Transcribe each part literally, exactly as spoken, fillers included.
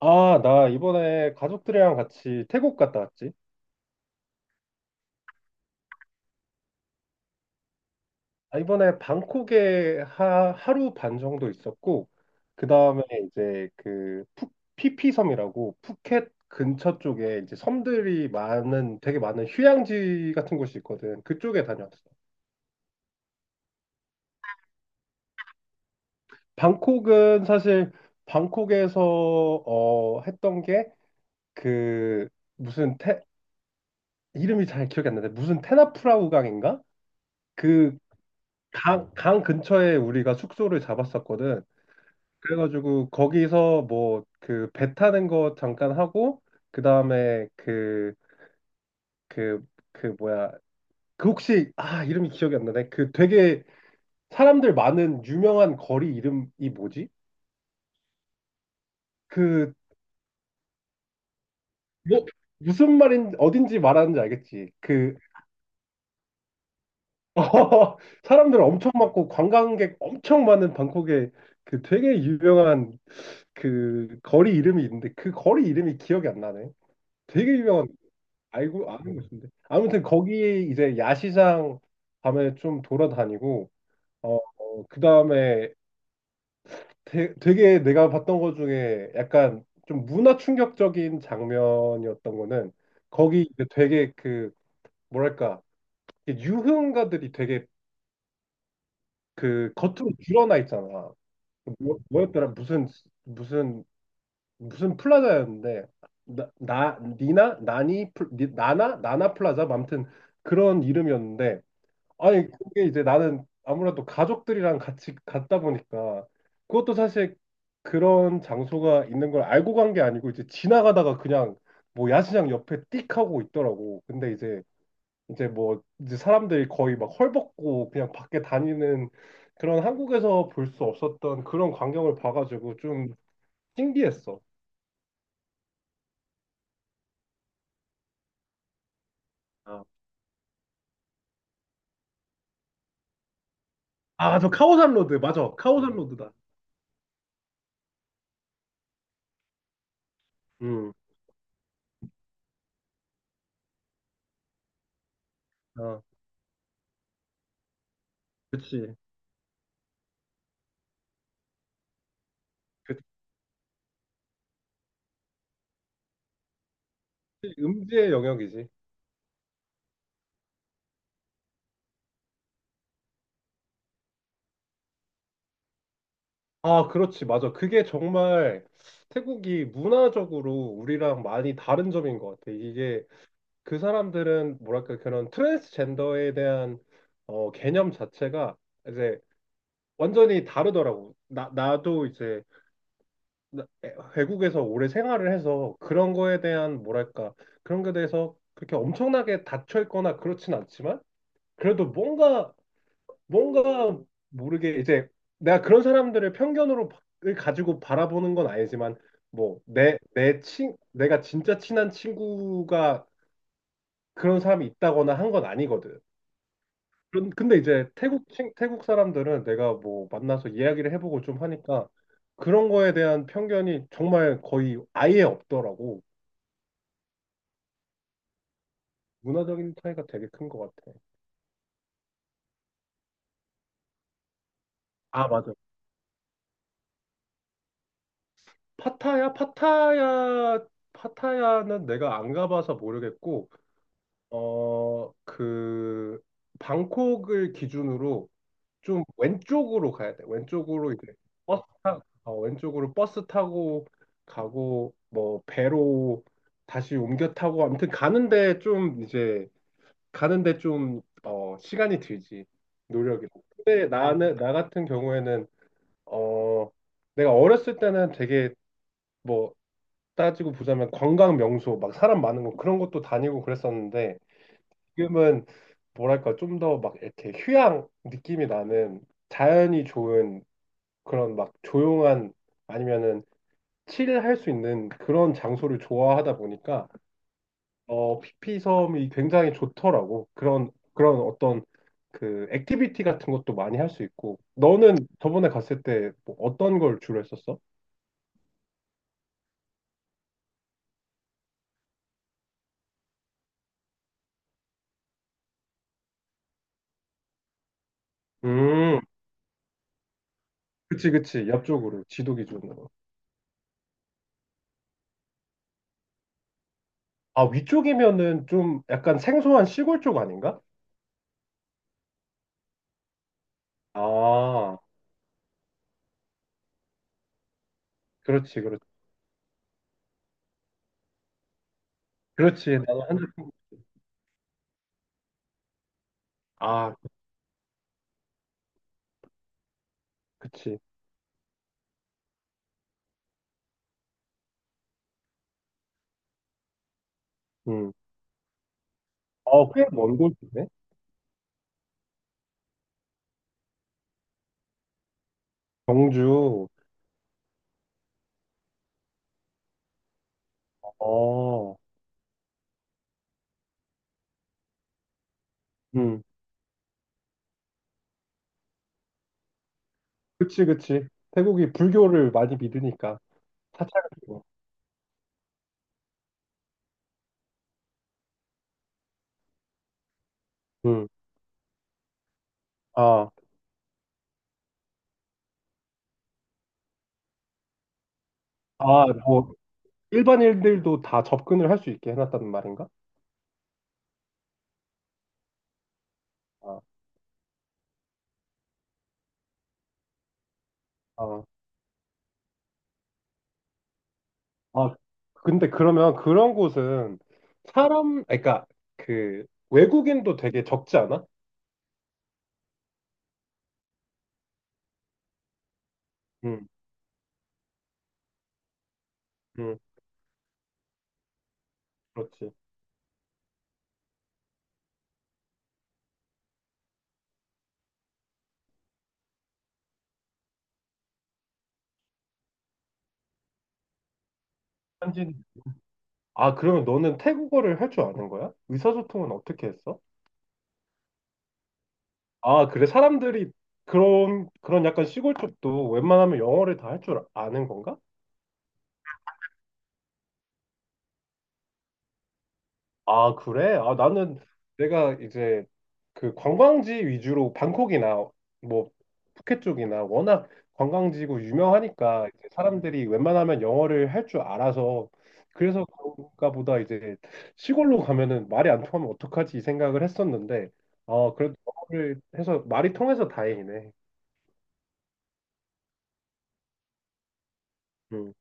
아, 나 이번에 가족들이랑 같이 태국 갔다 왔지. 아, 이번에 방콕에 하, 하루 반 정도 있었고, 그 다음에 이제 그 푸, 피피섬이라고 푸켓 근처 쪽에 이제 섬들이 많은, 되게 많은 휴양지 같은 곳이 있거든. 그쪽에 다녀왔어. 방콕은 사실 방콕에서 어, 했던 게 그 무슨 테, 이름이 잘 기억이 안 나는데 무슨 테나프라 우강인가? 그 강, 강 근처에 우리가 숙소를 잡았었거든. 그래가지고 거기서 뭐 그 배 타는 거 잠깐 하고 그 다음에 그 그 그 뭐야 그 혹시 아 이름이 기억이 안 나네. 그 되게 사람들 많은 유명한 거리 이름이 뭐지? 그 뭐, 무슨 말인 어딘지 말하는지 알겠지? 그 사람들 엄청 많고 관광객 엄청 많은 방콕에 그 되게 유명한 그 거리 이름이 있는데 그 거리 이름이 기억이 안 나네. 되게 유명한 알고 아는 곳인데 아무튼 거기 이제 야시장 밤에 좀 돌아다니고 어, 그 다음에 되게 내가 봤던 것 중에 약간 좀 문화 충격적인 장면이었던 거는 거기 이제 되게 그 뭐랄까 유흥가들이 되게 그 겉으로 드러나 있잖아. 뭐, 뭐였더라 무슨 무슨 무슨 플라자였는데 나, 나 니나 나니 플- 니- 나나 나나 플라자 아무튼 그런 이름이었는데, 아니 그게 이제 나는 아무래도 가족들이랑 같이 갔다 보니까 그것도 사실 그런 장소가 있는 걸 알고 간 게 아니고 이제 지나가다가 그냥 뭐 야시장 옆에 띡 하고 있더라고. 근데 이제 이제 뭐 이제 사람들이 거의 막 헐벗고 그냥 밖에 다니는 그런 한국에서 볼 수 없었던 그런 광경을 봐가지고 좀 신기했어. 아, 아, 저 카오산 로드 맞아. 카오산 로드다. 음. 아, 그치. 그치. 음지의 영역이지. 아, 그렇지. 맞아. 그게 정말 태국이 문화적으로 우리랑 많이 다른 점인 것 같아. 이게 그 사람들은 뭐랄까 그런 트랜스젠더에 대한 어, 개념 자체가 이제 완전히 다르더라고. 나, 나도 이제 나- 에- 외국에서 오래 생활을 해서 그런 거에 대한 뭐랄까 그런 거에 대해서 그렇게 엄청나게 닫혀 있거나 그렇진 않지만 그래도 뭔가 뭔가 모르게 이제 내가 그런 사람들을 편견으로 바- 을 가지고 바라보는 건 아니지만 뭐 내 내 친 내가 진짜 친한 친구가 그런 사람이 있다거나 한 건 아니거든. 그런- 근데 이제 태국 친- 태국 사람들은 내가 뭐 만나서 이야기를 해보고 좀 하니까 그런 거에 대한 편견이 정말 거의 아예 없더라고. 문화적인 차이가 되게 큰 것 같아. 아, 맞아. 파타야, 파타야, 파타야는 내가 안 가봐서 모르겠고. 어, 그, 방콕을 기준으로 좀 왼쪽으로 가야 돼. 왼쪽으로 이제 버스 타, 어, 왼쪽으로 버스 타고 가고, 뭐, 배로 다시 옮겨 타고, 아무튼 가는데 좀 이제, 가는데 좀, 어, 시간이 들지. 노력이. 근데 나는, 나 같은 경우에는, 어, 내가 어렸을 때는 되게 뭐, 따지고 보자면 관광 명소, 막 사람 많은 거 그런 것도 다니고 그랬었는데, 지금은 뭐랄까 좀 더 막 이렇게 휴양 느낌이 나는 자연이 좋은 그런 막 조용한 아니면은 칠할 수 있는 그런 장소를 좋아하다 보니까 어 피피섬이 굉장히 좋더라고. 그런 그런 어떤 그 액티비티 같은 것도 많이 할 수 있고. 너는 저번에 갔을 때뭐 어떤 걸 주로 했었어? 음 그치 그치 옆쪽으로 지도 기준으로. 아 위쪽이면은 좀 약간 생소한 시골 쪽 아닌가? 아 그렇지 그렇지. 그렇지. 나도 한, 아, 그치. 음. 어, 꽤 먼 곳이네. 경주. 어, 음. 그치, 그치. 태국이 불교를 많이 믿으니까. 사찰이고. 음. 아, 아, 뭐, 일반인들도 다 접근을 할 수 있게 해놨다는 말인가? 아, 아, 아. 근데 그러면 그런 곳은 사람, 아니, 그러니까 그 외국인도 되게 적지 않아? 음, 음, 그렇지. 현지인. 아, 그러면 너는 태국어를 할 줄 아는 거야? 의사소통은 어떻게 했어? 아, 그래. 사람들이 그런, 그런 약간 시골 쪽도 웬만하면 영어를 다 할 줄 아는 건가? 아, 그래? 아, 나는 내가 이제 그 관광지 위주로 방콕이나 뭐 푸켓 쪽이나 워낙 관광지고 유명하니까 이제 사람들이 웬만하면 영어를 할 줄 알아서 그래서 그런가 보다. 이제 시골로 가면은 말이 안 통하면 어떡하지 이 생각을 했었는데, 어, 그래도 영어를 해서 말이 통해서 다행이네. 음.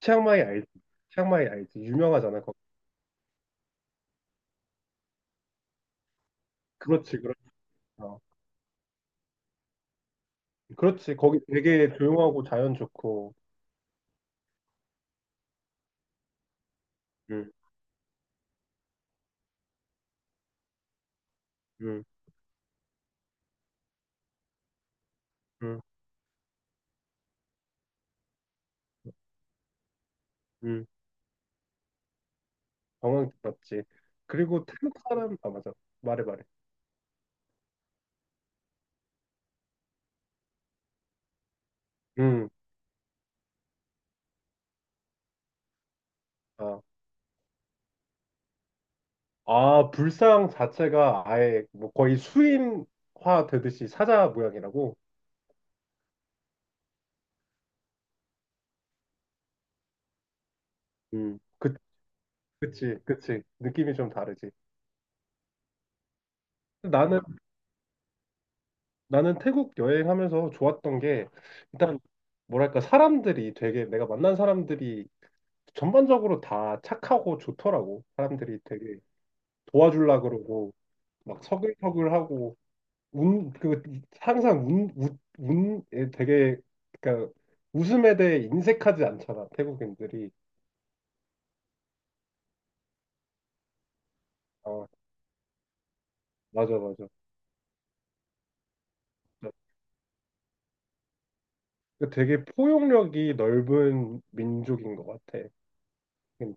치앙마이 알지? 치앙마이 알지? 유명하잖아. 그렇지, 그렇죠. 그렇지. 거기 되게 조용하고 자연 좋고. 응, 응, 응, 응. 관광지 맞지. 그리고 태국 사람, 아, 맞아. 말해, 말해. 응, 아. 아, 불상 자체가 아예 뭐 거의 수인화 되듯이 사자 모양이라고. 응, 그, 그치, 그치. 느낌이 좀 다르지. 나는, 나는 태국 여행하면서 좋았던 게, 일단, 뭐랄까, 사람들이 되게, 내가 만난 사람들이 전반적으로 다 착하고 좋더라고. 사람들이 되게. 도와주려 그러고 막 서글서글하고 운그 항상 운운 되게 그러니까 웃음에 대해 인색하지 않잖아 태국인들이. 어 맞아 맞아 그 되게 포용력이 넓은 민족인 것 같아. 음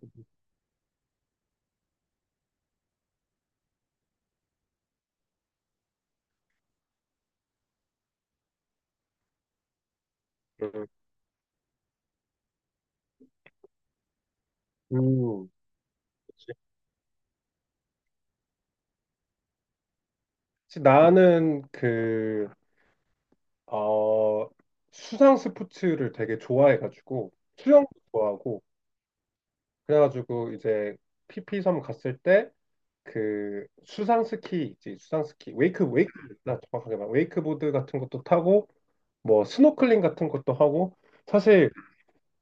그치. 그치, 나는 그 어 수상 스포츠를 되게 좋아해가지고 수영도 좋아하고 그래가지고 이제 피피섬 갔을 때 그 수상 스키 있지. 수상 스키 웨이크 웨이크 나 정확하게 말 웨이크보드 같은 것도 타고 뭐 스노클링 같은 것도 하고. 사실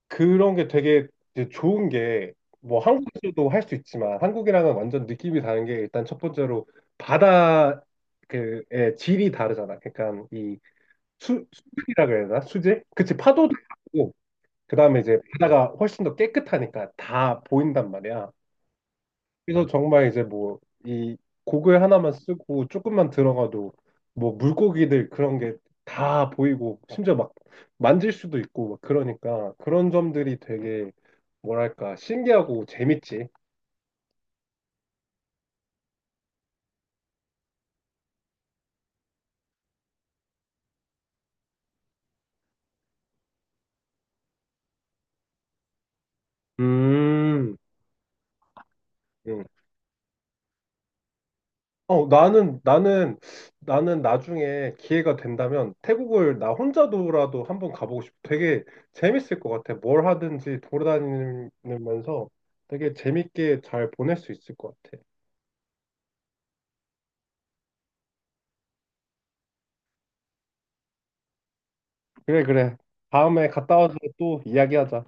그런 게 되게 이제 좋은 게 뭐 한국에서도 할 수 있지만 한국이랑은 완전 느낌이 다른 게 일단 첫 번째로 바다 그의 질이 다르잖아. 그러니까 이 수, 수질이라 그래야 되나. 수질 그치. 파도도 다르고 그다음에 이제 바다가 훨씬 더 깨끗하니까 다 보인단 말이야. 그래서 정말 이제 뭐 이 고글 하나만 쓰고 조금만 들어가도 뭐 물고기들 그런 게 다 보이고 심지어 막 만질 수도 있고 막 그러니까 그런 점들이 되게 뭐랄까 신기하고 재밌지. 음. 음. 어 나는 나는 나는 나중에 기회가 된다면 태국을 나 혼자도라도 한번 가보고 싶어. 되게 재밌을 것 같아. 뭘 하든지 돌아다니면서 되게 재밌게 잘 보낼 수 있을 것 같아. 그래, 그래. 다음에 갔다 와서 또 이야기하자.